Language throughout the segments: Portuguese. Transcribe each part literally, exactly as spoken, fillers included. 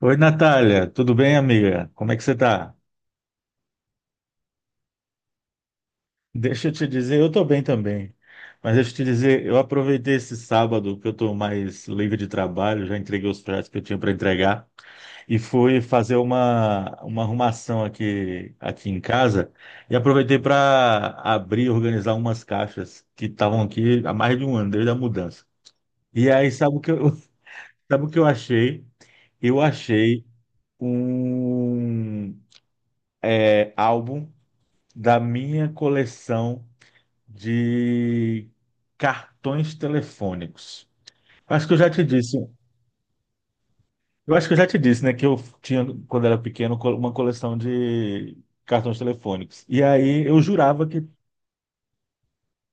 Oi, Natália, tudo bem, amiga? Como é que você tá? Deixa eu te dizer, eu tô bem também, mas deixa eu te dizer, eu aproveitei esse sábado que eu tô mais livre de trabalho, já entreguei os projetos que eu tinha para entregar e fui fazer uma, uma arrumação aqui, aqui em casa e aproveitei para abrir e organizar umas caixas que estavam aqui há mais de um ano, desde a mudança. E aí, sabe o que eu, sabe o que eu achei? Eu achei um é, álbum da minha coleção de cartões telefônicos. Acho que eu já te disse, eu acho que eu já te disse, né, que eu tinha, quando era pequeno, co- uma coleção de cartões telefônicos. E aí eu jurava que,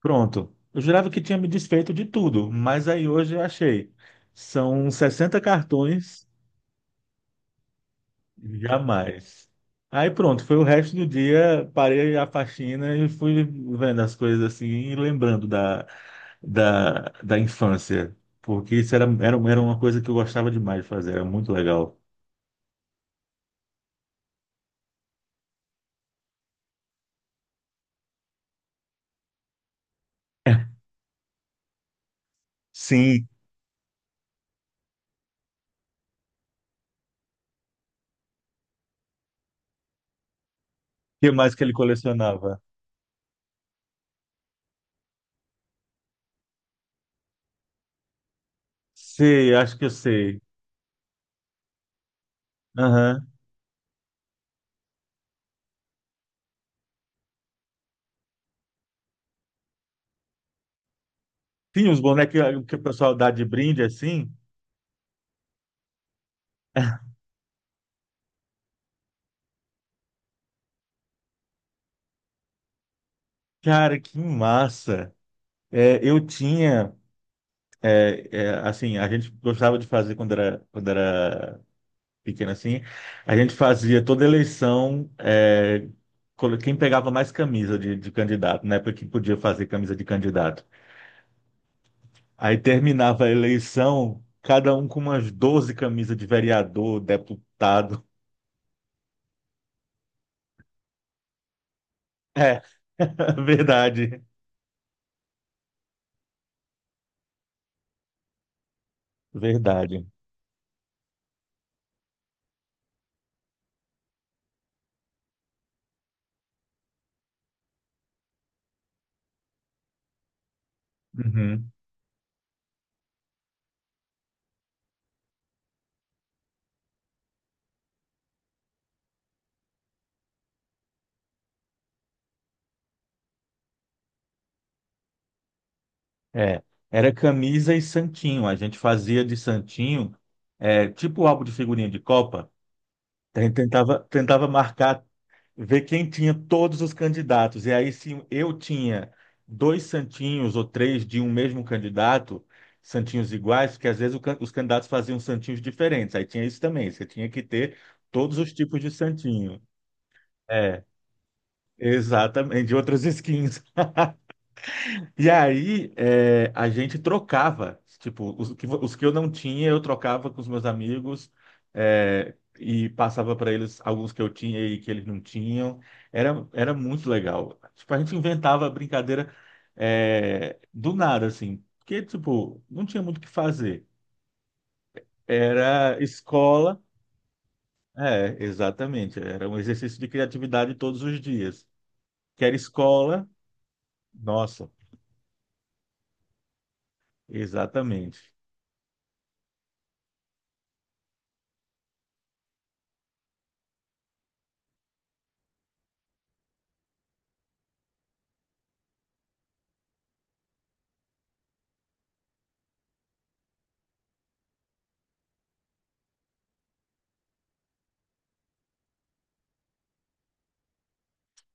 pronto, eu jurava que tinha me desfeito de tudo, mas aí hoje eu achei. São sessenta cartões, jamais. Aí pronto, foi o resto do dia, parei a faxina e fui vendo as coisas assim e lembrando da, da, da infância, porque isso era, era, era uma coisa que eu gostava demais de fazer, era muito legal. Sim, o que mais que ele colecionava? Sei, acho que eu sei. Aham. Tinha uns bonecos que o pessoal dá de brinde assim. Cara, que massa! É, eu tinha, é, é, assim, a gente gostava de fazer quando era, quando era pequeno assim, a gente fazia toda eleição, é, colo- quem pegava mais camisa de, de candidato, na época que podia fazer camisa de candidato. Aí terminava a eleição, cada um com umas doze camisas de vereador, deputado. É, verdade, verdade. Uhum. É, era camisa e santinho. A gente fazia de santinho, é, tipo álbum de figurinha de Copa. A gente tentava, tentava marcar, ver quem tinha todos os candidatos. E aí, se eu tinha dois santinhos ou três de um mesmo candidato, santinhos iguais, porque às vezes o can- os candidatos faziam santinhos diferentes. Aí tinha isso também. Você tinha que ter todos os tipos de santinho. É, exatamente, de outras skins. E aí, é, a gente trocava, tipo, os que, os que eu não tinha, eu trocava com os meus amigos, é, e passava para eles alguns que eu tinha e que eles não tinham. Era, era muito legal. Tipo, a gente inventava brincadeira, é, do nada, assim, porque, tipo, não tinha muito o que fazer. Era escola, é, exatamente, era um exercício de criatividade todos os dias. Que era escola, nossa, exatamente.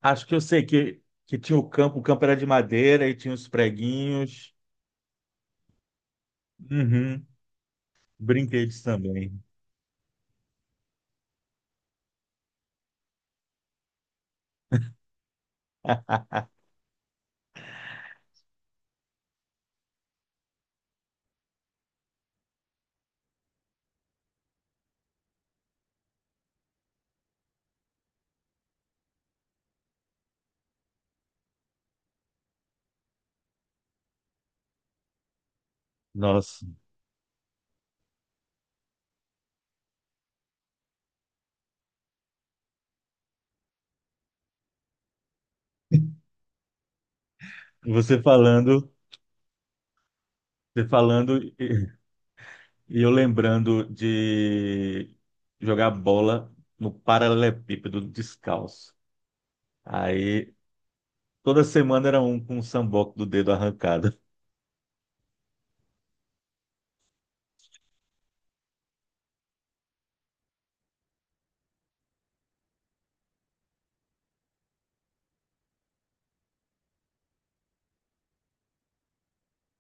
Acho que eu sei que, que tinha o campo, o campo era de madeira e tinha os preguinhos. Uhum. Brinquedos também. Nossa, você falando, você falando e e eu lembrando de jogar bola no paralelepípedo descalço. Aí toda semana era um com um samboco do dedo arrancado.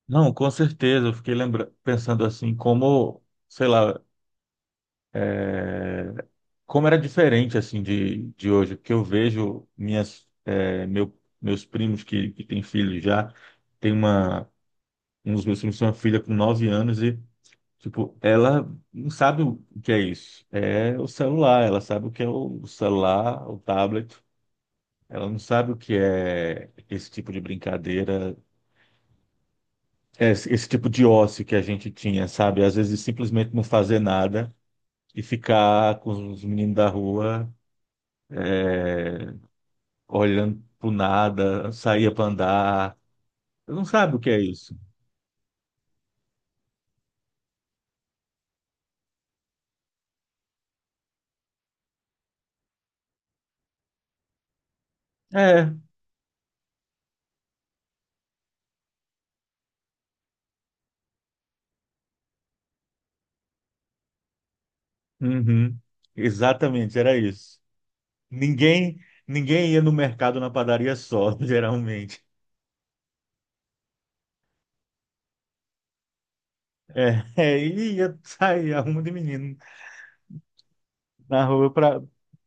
Não, com certeza, eu fiquei lembra pensando assim, como, sei lá, como era diferente assim de, de hoje, porque eu vejo minhas é, meu, meus primos que, que têm filhos já, tem uma um dos meus primos tem uma filha com nove anos e tipo, ela não sabe o que é isso. É o celular, ela sabe o que é o celular, o tablet. Ela não sabe o que é esse tipo de brincadeira, é esse, esse tipo de ócio que a gente tinha, sabe? Às vezes simplesmente não fazer nada e ficar com os meninos da rua olhando pro nada, saía para andar. Eu não sabe o que é isso. É, uhum, exatamente, era isso. Ninguém, ninguém ia no mercado na padaria só, geralmente. É, é, e ia sair arruma de menino na rua para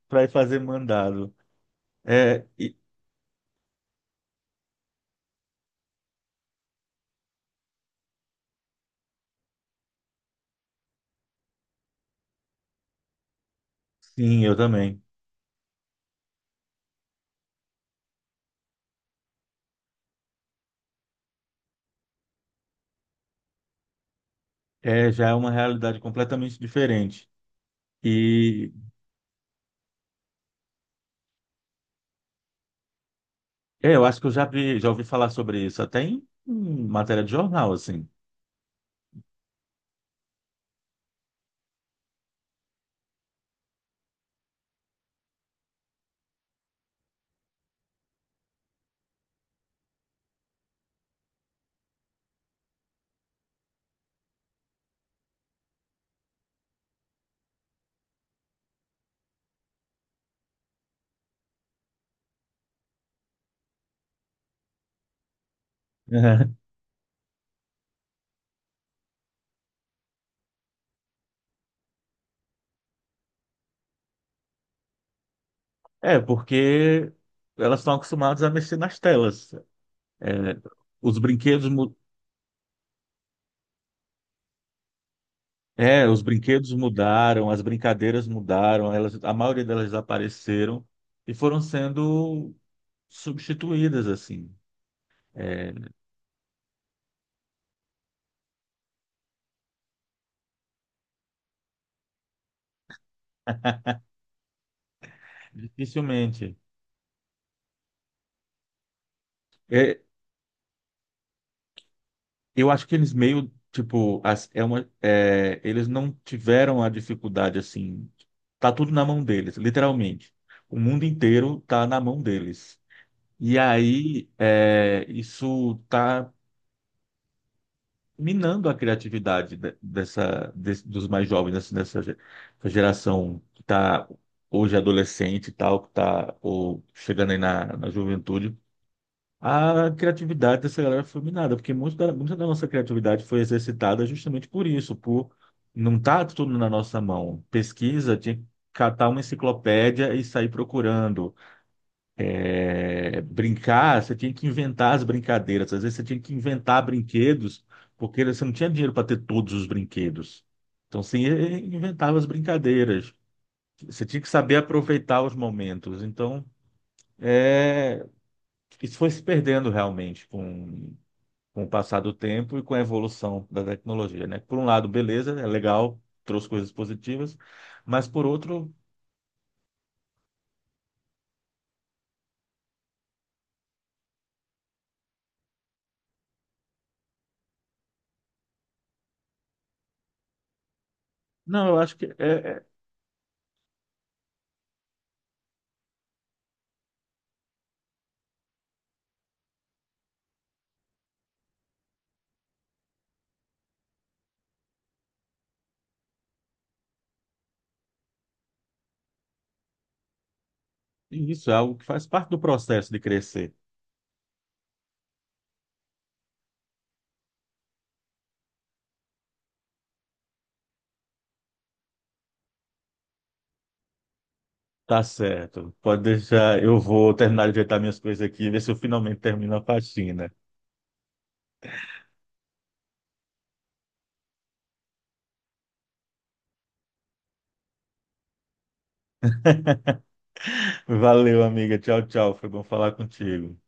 para ir fazer mandado. É, e- sim, eu também. É, já é uma realidade completamente diferente. E é, eu acho que eu já vi, já ouvi falar sobre isso até em, em matéria de jornal, assim. É, porque elas estão acostumadas a mexer nas telas. É, os brinquedos, mu- é, os brinquedos mudaram, as brincadeiras mudaram, elas, a maioria delas desapareceram e foram sendo substituídas assim, é, dificilmente. É, eu acho que eles meio tipo, as- é uma, é, eles não tiveram a dificuldade assim. Tá tudo na mão deles, literalmente. O mundo inteiro tá na mão deles. E aí, é, isso está minando a criatividade de- dessa, des- dos mais jovens, assim, dessa ge- essa geração que está hoje adolescente e tal, que está ou chegando aí na, na juventude. A criatividade dessa galera foi minada, porque muito da, muita da nossa criatividade foi exercitada justamente por isso, por não estar tudo na nossa mão. Pesquisa, tinha que catar uma enciclopédia e sair procurando é, brincar, você tinha que inventar as brincadeiras. Às vezes você tinha que inventar brinquedos, porque você não tinha dinheiro para ter todos os brinquedos. Então você inventava as brincadeiras. Você tinha que saber aproveitar os momentos. Então, é, isso foi se perdendo realmente com, com o passar do tempo e com a evolução da tecnologia, né? Por um lado, beleza, é legal, trouxe coisas positivas, mas por outro, não, eu acho que é, é isso, é algo que faz parte do processo de crescer. Tá certo. Pode deixar. Eu vou terminar de ajeitar minhas coisas aqui e ver se eu finalmente termino a faxina. Valeu, amiga. Tchau, tchau. Foi bom falar contigo.